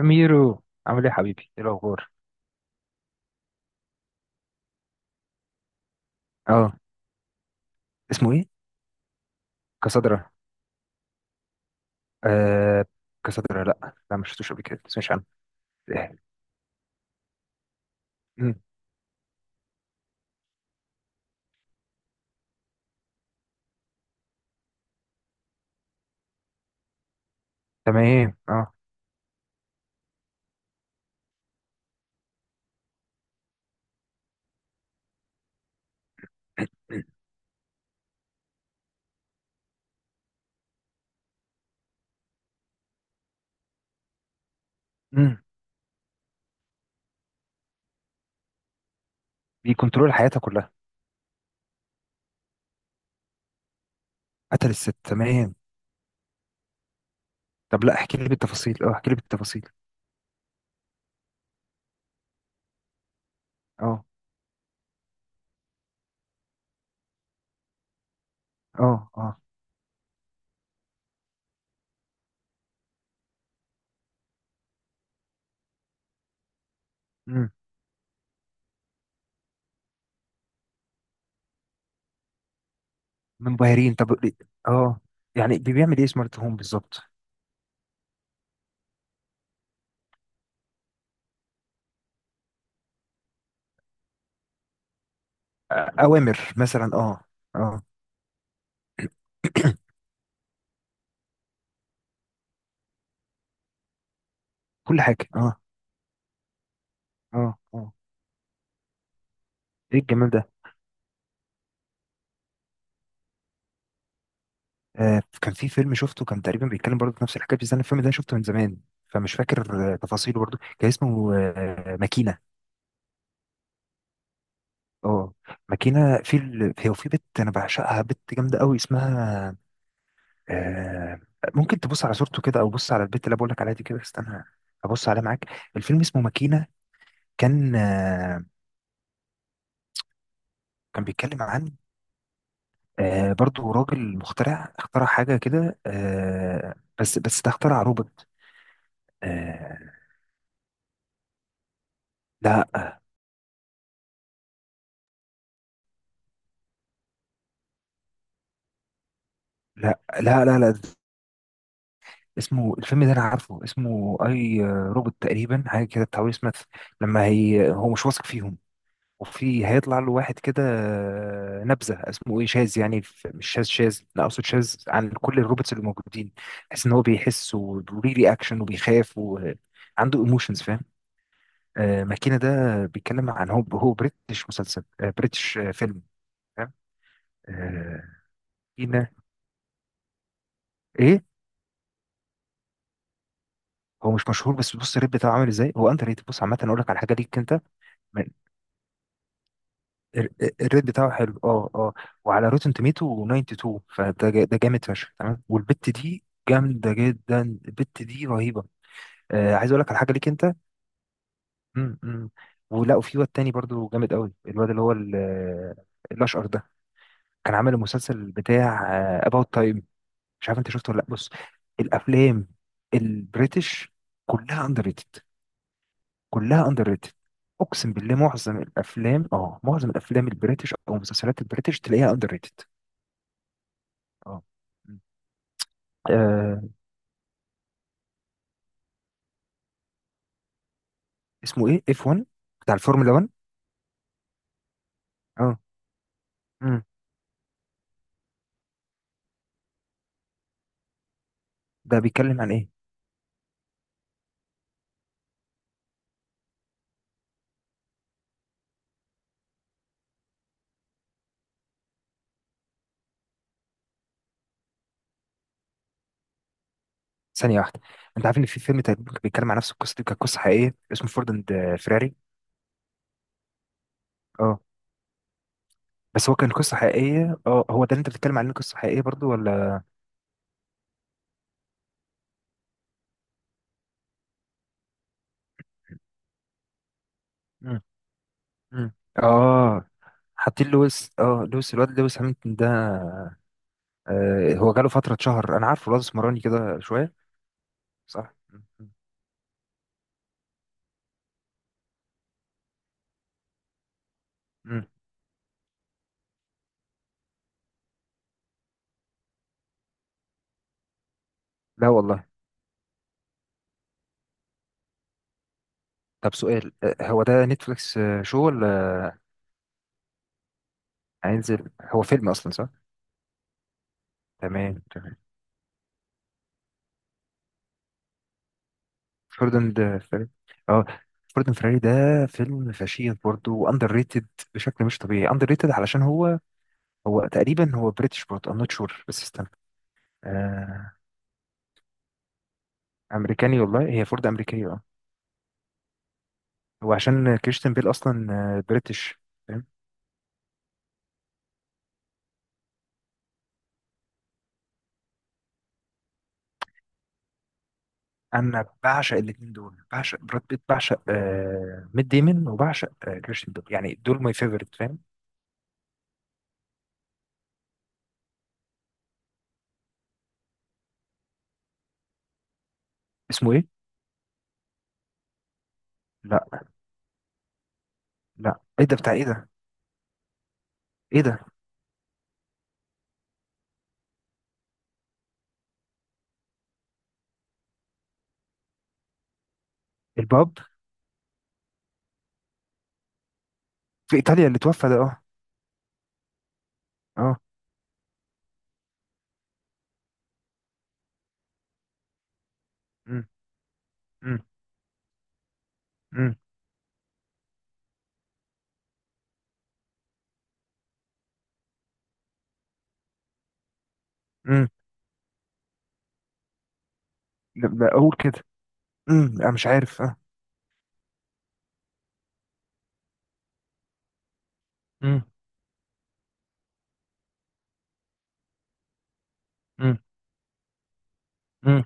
ميرو عامل ايه يا حبيبي؟ ايه الاخبار؟ اه. اسمه ايه؟ كسدرة؟ آه، كسدرة، لا لا ما شفتوش قبل كده، ما سمعتش عنه. إيه. مم. تمام اه. مم. بيكنترول حياتها كلها. قتل الست، تمام. طب لا احكي لي بالتفاصيل، اه احكي لي بالتفاصيل. اه اه اه. مم. منبهرين، طب ليه؟ اه، يعني بيعمل ايه سمارت هوم بالظبط؟ اوامر مثلا، اه. اه كل حاجة، اه اه اه. ايه الجمال ده؟ كان في فيلم شفته، كان تقريبا بيتكلم برضه في نفس الحكايه، بس انا الفيلم ده شفته من زمان، فمش فاكر تفاصيله برضه. كان اسمه ماكينه. اه، ماكينه. في هي، وفي بنت انا بعشقها، بنت جامده قوي، اسمها آه، ممكن تبص على صورته كده، او بص على البنت اللي بقول لك عليها دي كده، استنى ابص عليها معاك. الفيلم اسمه ماكينه، كان كان بيتكلم عن برضه راجل مخترع، اخترع حاجه كده، بس ده اخترع روبوت. آه، لا لا لا لا لا، اسمه الفيلم ده انا عارفه اسمه اي روبوت تقريبا، حاجه كده بتاع ويل سميث. لما هو مش واثق فيهم، وفي هيطلع له واحد كده نبذه، اسمه ايه، شاذ يعني، مش شاذ شاذ لا، اقصد شاذ عن كل الروبوتس اللي موجودين، بحيث ان هو بيحس وليه رياكشن وبيخاف وعنده ايموشنز، فاهم؟ ماكينه ده بيتكلم عن هو بريتش مسلسل، بريتش، فيلم، فاهم؟ آه، ماكينه. ايه؟ هو مش مشهور، بس بص الريت بتاعه عامل ازاي. هو انت ريت بص عامه، اقول لك على حاجه ليك انت. الريت بتاعه حلو، اه اه. وعلى روتن توميتو 92، فده ده جامد فشخ، تمام. والبت دي جامده جدا، البت دي رهيبه. آه، عايز اقول لك على حاجه ليك انت. م -م. ولا، وفي واد تاني برضو جامد قوي، الواد اللي هو الاشقر ده، كان عامل المسلسل بتاع اباوت تايم، مش عارف انت شفته ولا لا؟ بص، الافلام البريتش كلها اندر ريتد، كلها اندر ريتد. اقسم بالله معظم الافلام، اه معظم الافلام البريتش او مسلسلات البريتش تلاقيها اندر ريتد. اه. مم. آه، اسمه ايه؟ اف 1 بتاع الفورمولا 1؟ اه. امم. ده بيتكلم عن ايه؟ ثانيه واحده، انت عارف ان في فيلم تقريباً كان بيتكلم عن نفس القصه دي؟ كانت قصه حقيقيه، اسمه فورد اند فيراري. اه، بس هو كان قصه حقيقيه، اه هو ده اللي انت بتتكلم عليه قصه حقيقيه برضو ولا؟ مم. مم. اه حاطين لويس، اه لويس، الواد لويس هامilton ده؟ آه، هو جاله فتره شهر، انا عارفه الواد اسمراني كده شويه. صح. مم. مم. لا والله. طب سؤال، هو ده نتفليكس شو ولا؟ هينزل، هو فيلم اصلا صح؟ تمام تمام. فوردن ده فري، اه، فوردن فراري ده فيلم فشيخ برضه، واندر ريتد بشكل مش طبيعي، اندر ريتد. علشان هو، هو تقريبا بريتش برضه، ام نوت شور، بس استنى. آه. امريكاني، والله هي فورد امريكيه، اه. هو عشان كريستيان بيل اصلا بريتش، فاهم؟ انا بعشق الاثنين دول، بعشق براد بيت، بعشق آه ميت ديمون، وبعشق آه كريستيان بيل، يعني دول ماي فيفورت، فاهم؟ اسمه ايه؟ لا. لا ايه ده بتاع ايه ده؟ ايه ده؟ الباب في ايطاليا اللي توفى ده؟ اه. اه. مم. مم. مم. مم. لا، اقول كده. مم، انا مش عارف، اه. مم. مم. مم.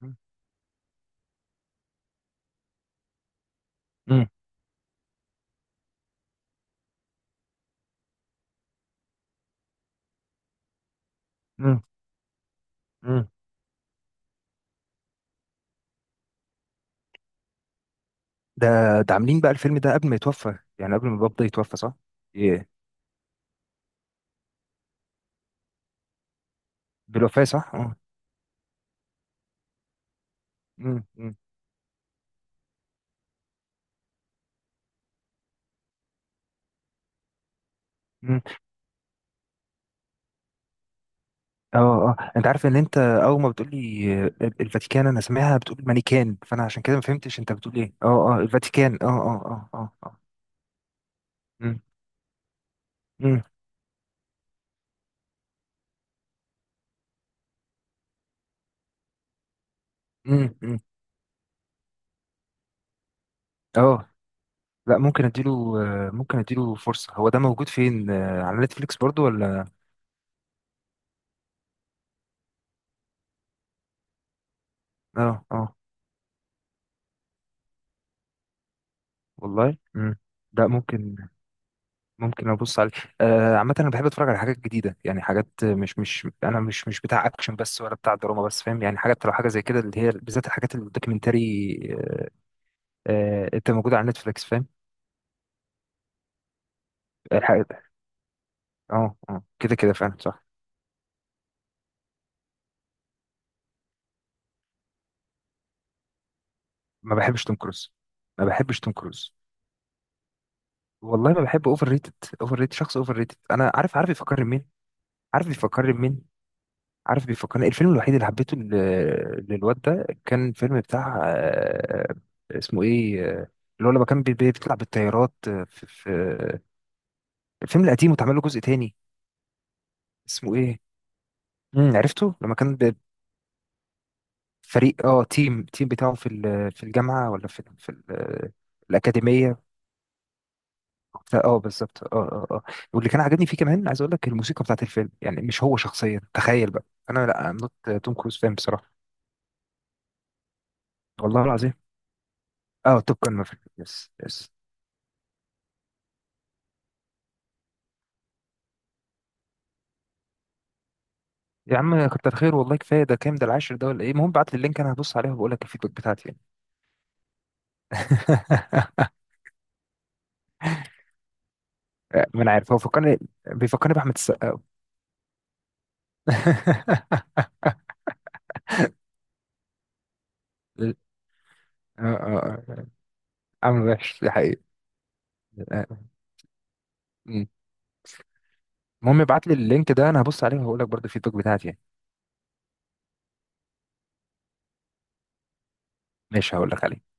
مم. مم. مم. مم. ده، ده عاملين بقى الفيلم ده قبل ما يتوفى، يعني قبل ما الباب ده يتوفى صح؟ ايه بالوفاة صح؟ اه. مم. مم. مم. اه اه، انت عارف ان انت اول ما بتقول لي الفاتيكان انا سامعها بتقول المانيكان، فانا عشان كده ما فهمتش انت بتقول ايه. اه اه الفاتيكان، اه اه اه اه اه. مم. مم. مم. مم. اه، لا ممكن اديله، ممكن اديله فرصة. هو ده موجود فين؟ على نتفليكس برضو ولا؟ اه اه. والله امم. ده ممكن، ممكن ابص عليه. عامة انا بحب اتفرج على حاجات جديدة، يعني حاجات مش انا مش بتاع اكشن بس، ولا بتاع دراما بس، فاهم؟ يعني حاجات لو حاجة زي كده، اللي هي بالذات الحاجات الدوكيومنتري، انت موجودة على نتفليكس، فاهم؟ الحاجات، اه اه كده كده فعلا صح. ما بحبش توم كروز، ما بحبش توم كروز. والله ما بحب اوفر ريتد. اوفر ريتد، شخص اوفر ريتد. انا عارف، عارف يفكرني مين. عارف بيفكرني بمين؟ عارف بيفكرني الفيلم الوحيد اللي حبيته ل- للواد ده كان فيلم بتاع اسمه ايه، اللي هو لما كان بيطلع بالطيارات، في الفيلم القديم واتعمل له جزء تاني، اسمه ايه؟ امم. عرفته، لما كان ب- فريق، اه تيم بتاعه في الجامعة ولا في الأكاديمية؟ بتاع- اه بالظبط، اه اه اه. واللي كان عاجبني فيه كمان، عايز اقول لك الموسيقى بتاعت الفيلم، يعني مش هو شخصيا، تخيل بقى انا لا، ام نوت توم كروز فان بصراحة. والله العظيم. اه، توب كان مافريك، يس يس. يا عم كتر خير والله، كفايه ده، كام ده العاشر ده ولا ايه؟ المهم، بعت لي اللينك انا هبص عليه وبقول لك الفيدباك بتاعتي يعني. ما انا عارف هو فكرني، بيفكرني باحمد السقا. اه اه. آه. عامل وحش دي حقيقة. آه. مم. المهم ابعت لي اللينك ده انا هبص عليه وهقول لك برضه الفيدباك بتاعتي يعني. ماشي هقول لك عليه.